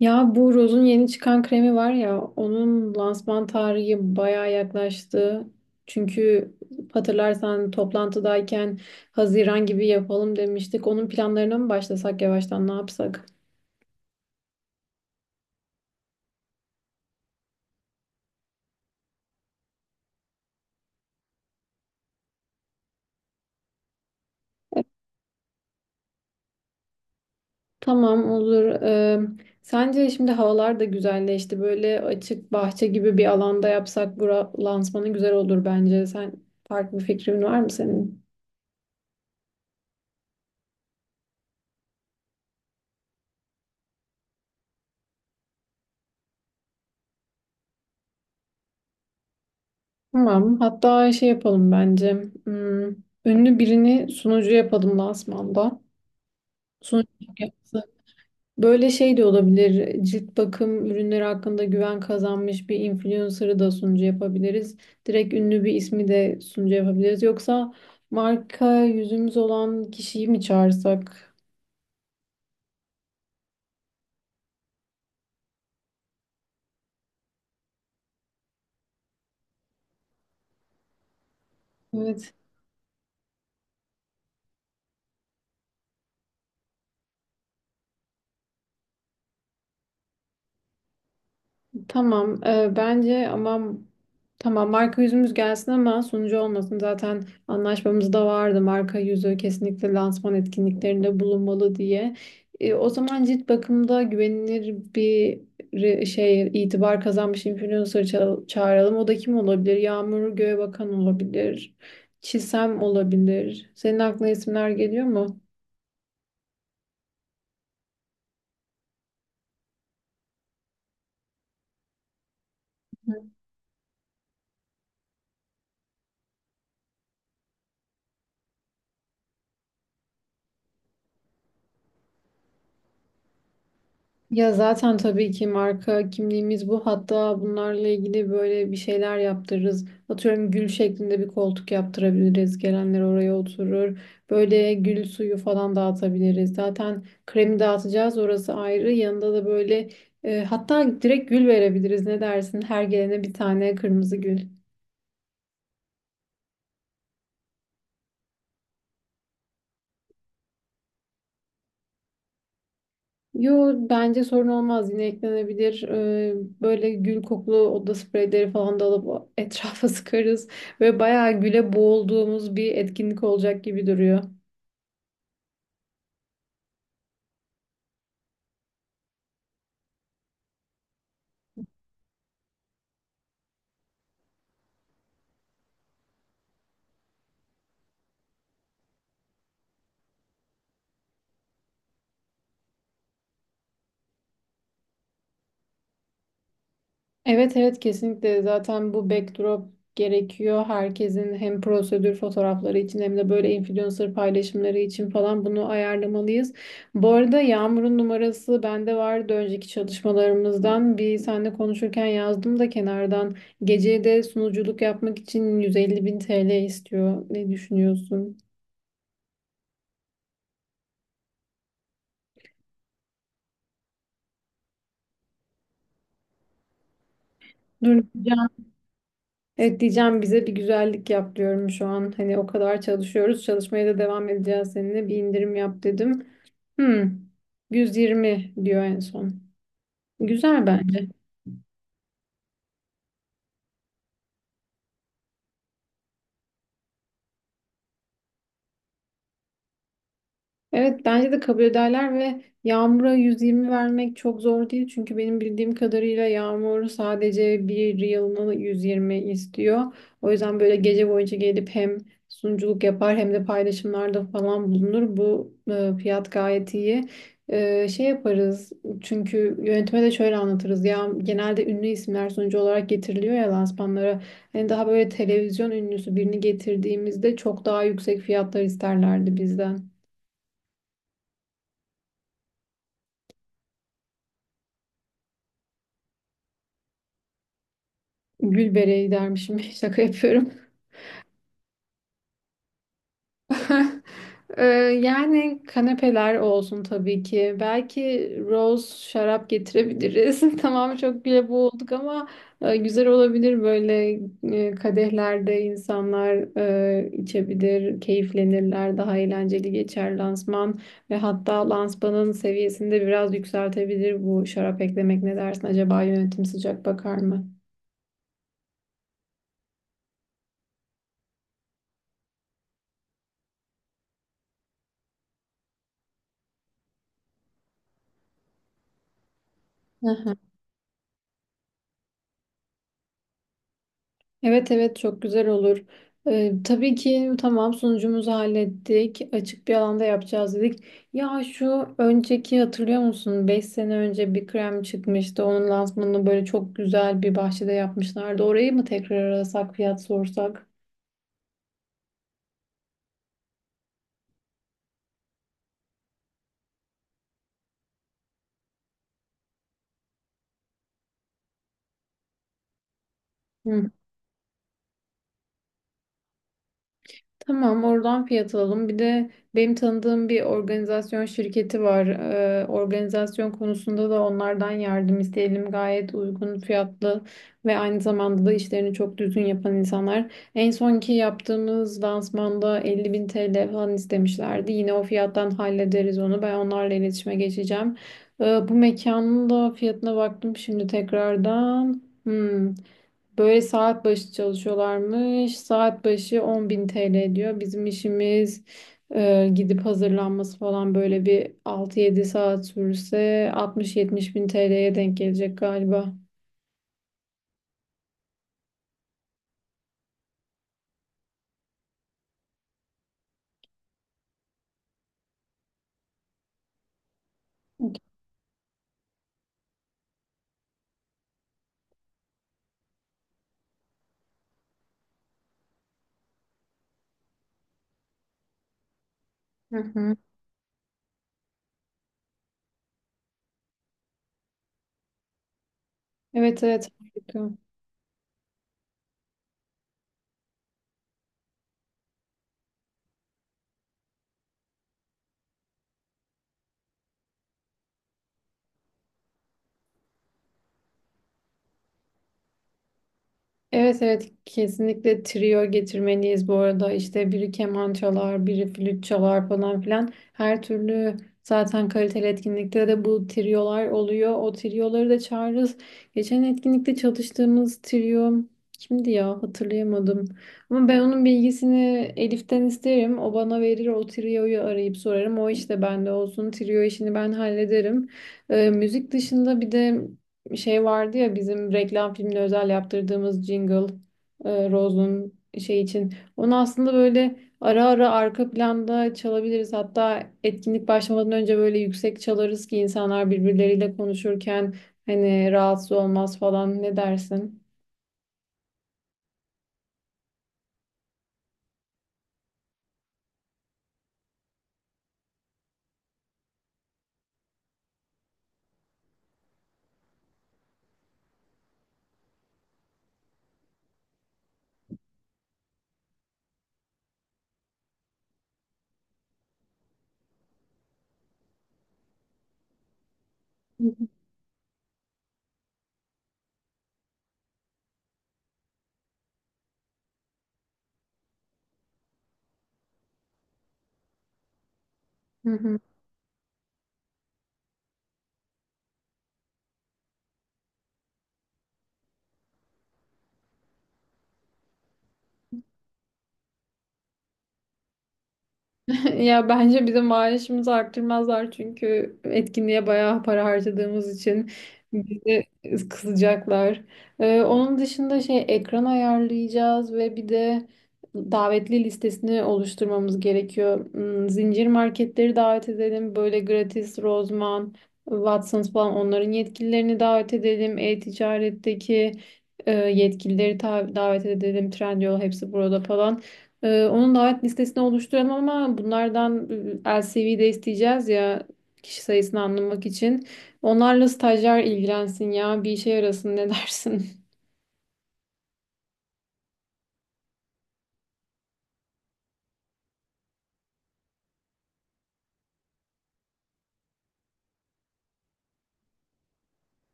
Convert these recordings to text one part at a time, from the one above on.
Ya bu Rose'un yeni çıkan kremi var ya onun lansman tarihi bayağı yaklaştı. Çünkü hatırlarsan toplantıdayken Haziran gibi yapalım demiştik. Onun planlarına mı başlasak yavaştan ne yapsak? Tamam olur. Sence şimdi havalar da güzelleşti. Böyle açık bahçe gibi bir alanda yapsak bura lansmanı güzel olur bence. Sen farklı bir fikrin var mı senin? Tamam. Hatta şey yapalım bence. Hmm, ünlü birini sunucu yapalım lansmanda. Sunuculuk yapması. Böyle şey de olabilir. Cilt bakım ürünleri hakkında güven kazanmış bir influencer'ı da sunucu yapabiliriz. Direkt ünlü bir ismi de sunucu yapabiliriz. Yoksa marka yüzümüz olan kişiyi mi çağırsak? Evet. Tamam, bence ama tamam marka yüzümüz gelsin ama sunucu olmasın. Zaten anlaşmamızda vardı marka yüzü kesinlikle lansman etkinliklerinde bulunmalı diye. O zaman cilt bakımda güvenilir bir şey itibar kazanmış influencer çağıralım. O da kim olabilir? Yağmur Göğebakan olabilir. Çisem olabilir. Senin aklına isimler geliyor mu? Ya zaten tabii ki marka kimliğimiz bu. Hatta bunlarla ilgili böyle bir şeyler yaptırırız. Atıyorum gül şeklinde bir koltuk yaptırabiliriz. Gelenler oraya oturur. Böyle gül suyu falan dağıtabiliriz. Zaten kremi dağıtacağız orası ayrı. Yanında da böyle hatta direkt gül verebiliriz. Ne dersin? Her gelene bir tane kırmızı gül. Yo bence sorun olmaz yine eklenebilir. Böyle gül kokulu oda spreyleri falan da alıp etrafa sıkarız. Ve bayağı güle boğulduğumuz bir etkinlik olacak gibi duruyor. Evet, evet, kesinlikle zaten bu backdrop gerekiyor. Herkesin hem prosedür fotoğrafları için hem de böyle influencer paylaşımları için falan bunu ayarlamalıyız. Bu arada Yağmur'un numarası bende vardı önceki çalışmalarımızdan. Bir seninle konuşurken yazdım da kenardan. Geceye de sunuculuk yapmak için 150 bin TL istiyor. Ne düşünüyorsun? Dur diyeceğim. Evet diyeceğim, bize bir güzellik yap diyorum şu an. Hani o kadar çalışıyoruz. Çalışmaya da devam edeceğiz seninle. Bir indirim yap dedim. Hmm, 120 diyor en son. Güzel bence. Evet bence de kabul ederler ve Yağmur'a 120 vermek çok zor değil. Çünkü benim bildiğim kadarıyla Yağmur sadece bir yılını 120 istiyor. O yüzden böyle gece boyunca gelip hem sunuculuk yapar hem de paylaşımlarda falan bulunur. Bu fiyat gayet iyi. Şey yaparız çünkü yönetime de şöyle anlatırız. Ya genelde ünlü isimler sunucu olarak getiriliyor ya lansmanlara. Hani daha böyle televizyon ünlüsü birini getirdiğimizde çok daha yüksek fiyatlar isterlerdi bizden. Gül bereyi dermişim. Şaka yapıyorum. Ee, yani kanepeler olsun tabii ki. Belki rose şarap getirebiliriz. Tamam çok güle boğulduk ama güzel olabilir, böyle kadehlerde insanlar içebilir, keyiflenirler, daha eğlenceli geçer lansman ve hatta lansmanın seviyesini de biraz yükseltebilir bu şarap eklemek. Ne dersin, acaba yönetim sıcak bakar mı? Evet, evet, çok güzel olur. Tabii ki, tamam, sunucumuzu hallettik. Açık bir alanda yapacağız dedik. Ya şu önceki hatırlıyor musun? 5 sene önce bir krem çıkmıştı. Onun lansmanını böyle çok güzel bir bahçede yapmışlardı. Orayı mı tekrar arasak, fiyat sorsak? Tamam, oradan fiyat alalım. Bir de benim tanıdığım bir organizasyon şirketi var. Organizasyon konusunda da onlardan yardım isteyelim. Gayet uygun fiyatlı ve aynı zamanda da işlerini çok düzgün yapan insanlar. En sonki yaptığımız lansmanda 50 bin TL falan istemişlerdi. Yine o fiyattan hallederiz onu. Ben onlarla iletişime geçeceğim. Bu mekanın da fiyatına baktım şimdi tekrardan. Hmm. Böyle saat başı çalışıyorlarmış. Saat başı 10.000 TL diyor. Bizim işimiz gidip hazırlanması falan böyle bir 6-7 saat sürse altmış 70 bin TL'ye denk gelecek galiba. Hı hı. Evet, evet. Harika. Evet, evet, kesinlikle trio getirmeliyiz. Bu arada işte biri keman çalar biri flüt çalar falan filan, her türlü zaten kaliteli etkinlikte de bu triolar oluyor, o trioları da çağırırız. Geçen etkinlikte çalıştığımız trio kimdi ya, hatırlayamadım ama ben onun bilgisini Elif'ten isterim, o bana verir, o trioyu arayıp sorarım. O işte bende olsun, trio işini ben hallederim. Müzik dışında bir de şey vardı ya, bizim reklam filmine özel yaptırdığımız jingle Rose'un şey için. Onu aslında böyle ara ara arka planda çalabiliriz. Hatta etkinlik başlamadan önce böyle yüksek çalarız ki insanlar birbirleriyle konuşurken hani rahatsız olmaz falan. Ne dersin? Hı hı. Ya bence bizim maaşımızı arttırmazlar çünkü etkinliğe bayağı para harcadığımız için bizi kızacaklar. Onun dışında şey ekran ayarlayacağız ve bir de davetli listesini oluşturmamız gerekiyor. Zincir marketleri davet edelim. Böyle Gratis, Rozman, Watsons falan, onların yetkililerini davet edelim. E-ticaretteki yetkilileri davet edelim. Trendyol, hepsi burada falan. Onun davet listesini oluşturalım ama bunlardan LCV de isteyeceğiz ya, kişi sayısını anlamak için. Onlarla stajyer ilgilensin, ya bir işe yarasın, ne dersin?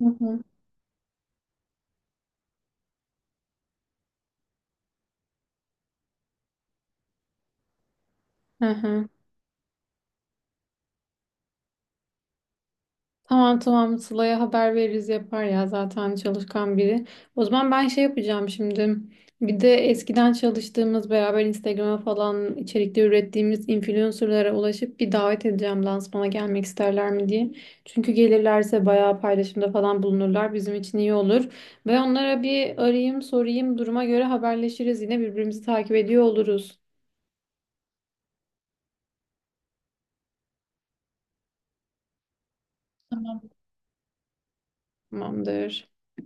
Hı hı. Hı hı. Tamam, tamam, Sıla'ya haber veririz, yapar ya, zaten çalışkan biri. O zaman ben şey yapacağım şimdi. Bir de eskiden çalıştığımız, beraber Instagram'a falan içerikte ürettiğimiz influencerlara ulaşıp bir davet edeceğim lansmana, gelmek isterler mi diye. Çünkü gelirlerse bayağı paylaşımda falan bulunurlar, bizim için iyi olur. Ve onlara bir arayayım sorayım, duruma göre haberleşiriz, yine birbirimizi takip ediyor oluruz. Tamam. Tamamdır.